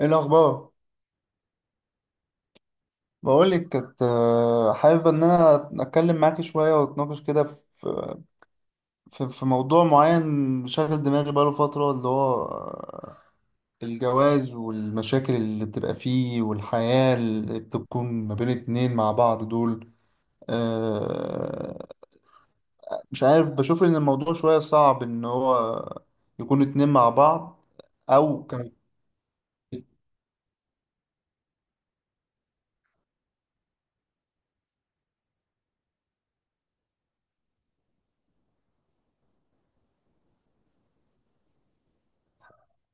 ايه الاخبار؟ بقولك كنت حابب ان انا اتكلم معاكي شويه واتناقش كده في موضوع معين شاغل دماغي بقاله فتره اللي هو الجواز والمشاكل اللي بتبقى فيه والحياه اللي بتكون ما بين اتنين مع بعض دول. آه، مش عارف، بشوف ان الموضوع شويه صعب ان هو يكون اتنين مع بعض او كانوا.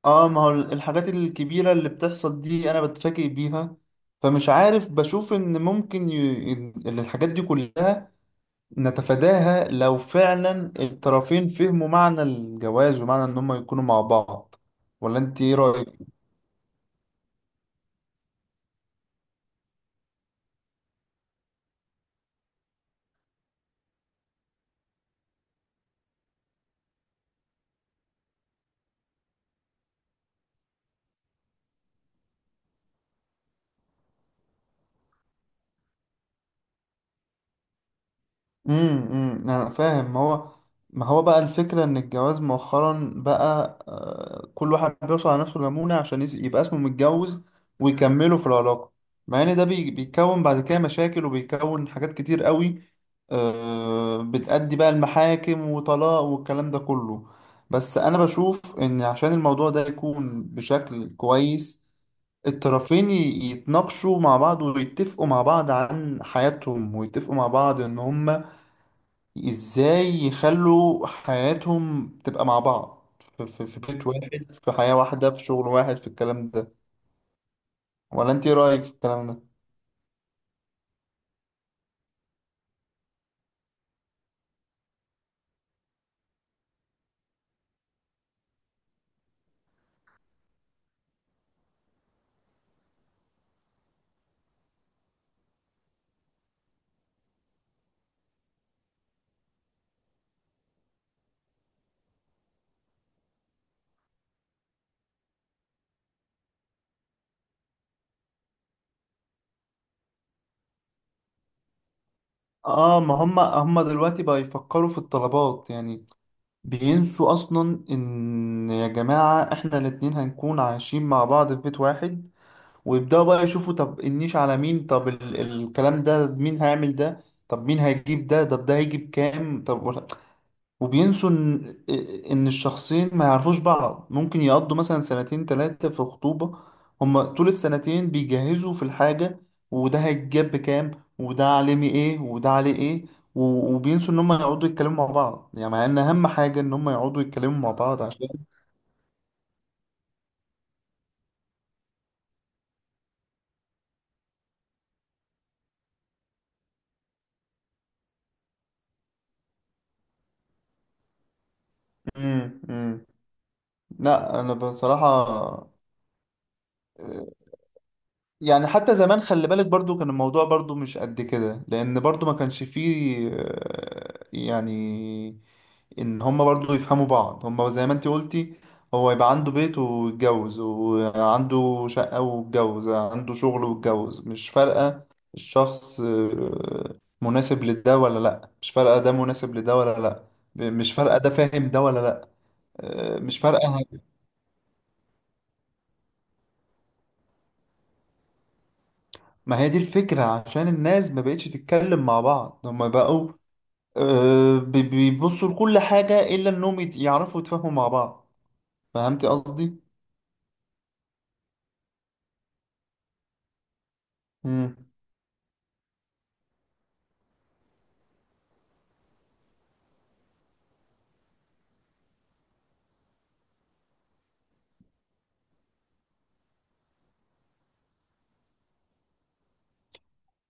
اه، ما هو الحاجات الكبيرة اللي بتحصل دي انا بتفاجئ بيها، فمش عارف. بشوف ان ممكن إن الحاجات دي كلها نتفاداها لو فعلا الطرفين فهموا معنى الجواز ومعنى ان هم يكونوا مع بعض. ولا انت ايه رأيك؟ أمم، انا فاهم. ما هو بقى الفكره ان الجواز مؤخرا بقى، كل واحد بيوصل على نفسه ليمونه عشان يبقى اسمه متجوز، ويكملوا في العلاقه، مع ان ده بيكون بعد كده مشاكل، وبيكون حاجات كتير قوي. بتأدي بقى المحاكم وطلاق والكلام ده كله. بس انا بشوف ان عشان الموضوع ده يكون بشكل كويس، الطرفين يتناقشوا مع بعض ويتفقوا مع بعض عن حياتهم، ويتفقوا مع بعض ان هم ازاي يخلوا حياتهم تبقى مع بعض في بيت واحد، في حياة واحدة، في شغل واحد، في الكلام ده. ولا انت ايه رأيك في الكلام ده؟ اه، ما هم دلوقتي بقى يفكروا في الطلبات يعني، بينسوا اصلا ان يا جماعة احنا الاتنين هنكون عايشين مع بعض في بيت واحد، ويبدأوا بقى يشوفوا طب النيش على مين، طب الكلام ده مين هيعمل ده، طب مين هيجيب ده، طب ده هيجيب كام، طب. وبينسوا ان إن الشخصين ما يعرفوش بعض ممكن يقضوا مثلا سنتين ثلاثة في خطوبة، هما طول السنتين بيجهزوا في الحاجة، وده هيتجاب بكام وده علمي ايه وده عليه ايه، وبينسوا ان هما يقعدوا يتكلموا مع بعض، يعني مع ان اهم حاجة ان هما يقعدوا يتكلموا مع بعض عشان. مم. مم. لا انا بصراحة يعني حتى زمان خلي بالك برضو كان الموضوع برضو مش قد كده، لان برضو ما كانش فيه يعني ان هما برضو يفهموا بعض. هما زي ما انت قلتي، هو يبقى عنده بيت ويتجوز، وعنده شقة ويتجوز، عنده شغل ويتجوز، مش فارقة. الشخص مناسب لده ولا لأ، مش فارقة. ده مناسب لده ولا لأ، مش فارقة. ده فاهم ده ولا لأ، مش فارقة. ما هي دي الفكرة، عشان الناس ما بقتش تتكلم مع بعض، هما بقوا بيبصوا لكل حاجة إلا إنهم يعرفوا يتفاهموا مع بعض. فهمتي قصدي؟ مم.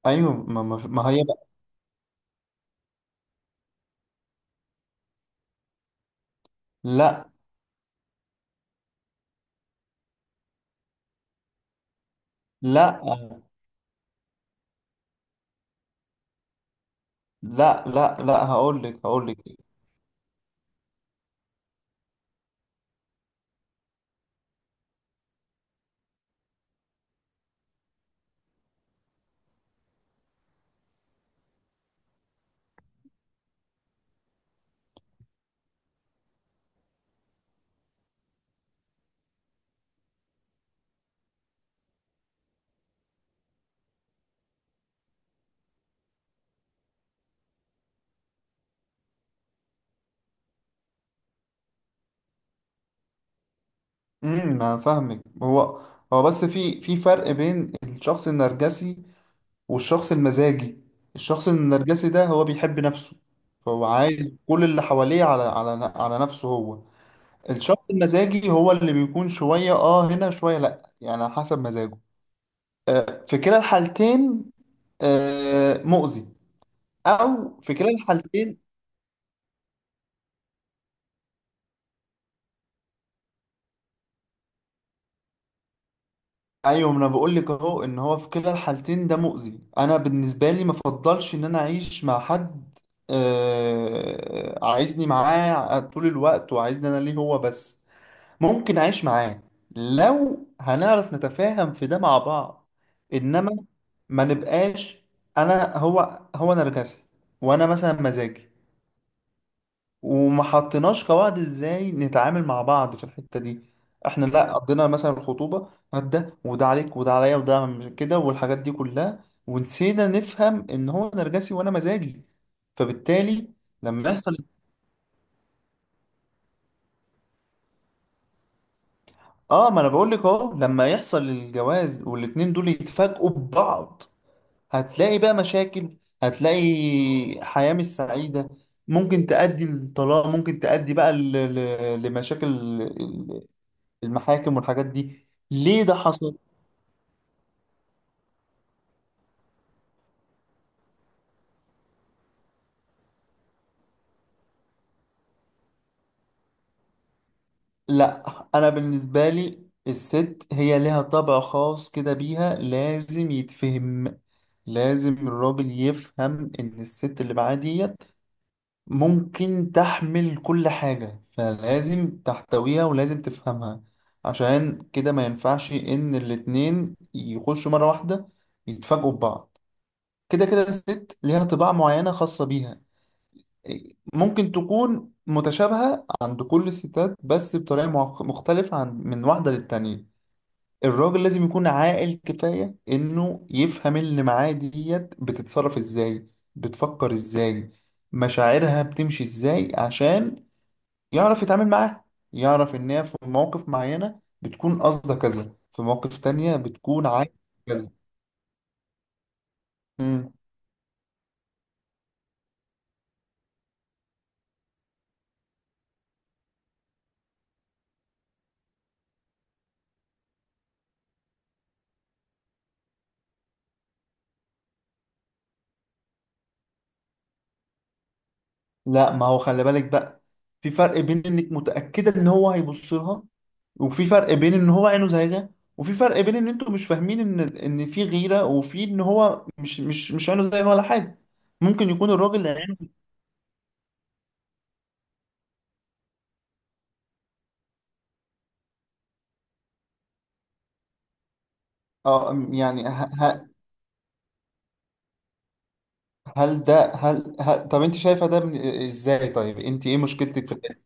ايوه، ما هي. لا، لا، لا، لا، لا، هقول لك. انا فاهمك. هو هو بس في فرق بين الشخص النرجسي والشخص المزاجي. الشخص النرجسي ده هو بيحب نفسه، فهو عايز كل اللي حواليه على نفسه هو. الشخص المزاجي هو اللي بيكون شوية اه هنا شوية لا، يعني على حسب مزاجه. في كلا الحالتين مؤذي. او في كلا الحالتين. ايوه، ما انا بقول لك اهو ان هو في كلا الحالتين ده مؤذي. انا بالنسبه لي ما افضلش ان انا اعيش مع حد عايزني معاه طول الوقت وعايزني انا ليه هو بس. ممكن اعيش معاه لو هنعرف نتفاهم في ده مع بعض. انما ما نبقاش انا هو نرجسي وانا مثلا مزاجي، وما حطيناش قواعد ازاي نتعامل مع بعض في الحتة دي. احنا لا قضينا مثلا الخطوبة هات ده وده عليك وده عليا وده كده والحاجات دي كلها، ونسينا نفهم ان هو نرجسي وانا مزاجي. فبالتالي لما يحصل، اه ما انا بقول لك اهو لما يحصل الجواز والاتنين دول يتفاجئوا ببعض، هتلاقي بقى مشاكل، هتلاقي حياة مش سعيدة، ممكن تؤدي للطلاق، ممكن تؤدي بقى لمشاكل المحاكم والحاجات دي. ليه ده حصل؟ لا انا بالنسبه لي الست هي لها طبع خاص كده بيها لازم يتفهم. لازم الراجل يفهم ان الست اللي معاه ديت ممكن تحمل كل حاجه، فلازم تحتويها ولازم تفهمها. عشان كده ما ينفعش ان الاتنين يخشوا مره واحده يتفاجئوا ببعض. كده كده الست ليها طباع معينه خاصه بيها، ممكن تكون متشابهة عند كل الستات بس بطريقة مختلفة عن من واحدة للتانية. الراجل لازم يكون عاقل كفاية إنه يفهم اللي معاه ديت بتتصرف إزاي، بتفكر إزاي، مشاعرها بتمشي إزاي، عشان يعرف يتعامل معاها، يعرف إن هي في مواقف معينة بتكون قصدها كذا، في مواقف تانية بتكون عايزة كذا. لا، ما هو خلي بالك بقى، في فرق بين انك متأكدة ان هو هيبص لها، وفي فرق بين ان هو عينه زايغة، وفي فرق بين ان انتوا مش فاهمين ان في غيرة، وفي ان هو مش عينه زايغة ولا حاجة. ممكن يكون الراجل اللي عينه. اه، يعني ه... هل ده هل, هل... طب انت شايفة ده من... ازاي؟ طيب انت ايه مشكلتك في ده؟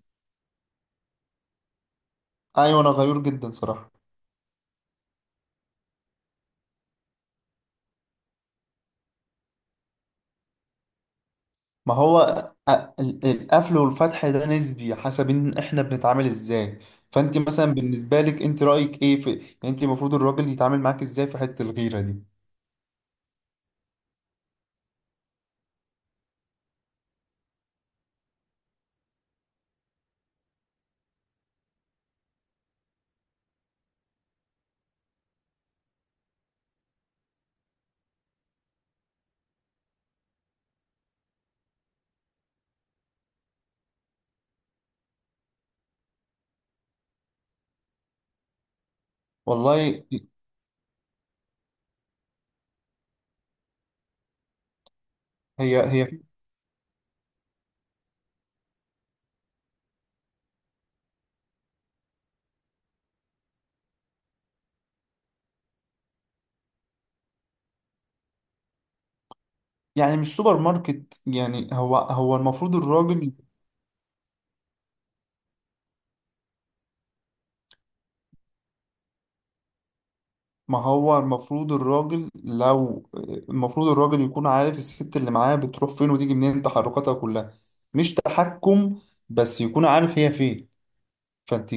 ايوه انا غيور جدا صراحة. ما هو القفل والفتح ده نسبي حسب ان احنا بنتعامل ازاي. فانت مثلا بالنسبه لك انت رايك ايه في، يعني انت المفروض الراجل يتعامل معاك ازاي في حته الغيره دي؟ والله. هي هي، يعني مش سوبر ماركت يعني. هو المفروض الراجل، ما هو المفروض الراجل لو، المفروض الراجل يكون عارف الست اللي معاه بتروح فين وتيجي منين، تحركاتها كلها. مش تحكم، بس يكون عارف هي فين. فانت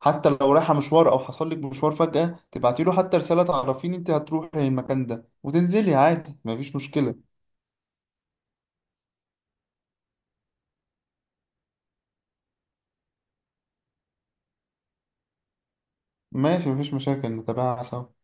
حتى لو رايحه مشوار او حصل لك مشوار فجأة، تبعتي له حتى رسالة تعرفيني انت هتروحي المكان ده وتنزلي عادي مفيش مشكلة. ماشي مفيش مشاكل، نتابعها سوا.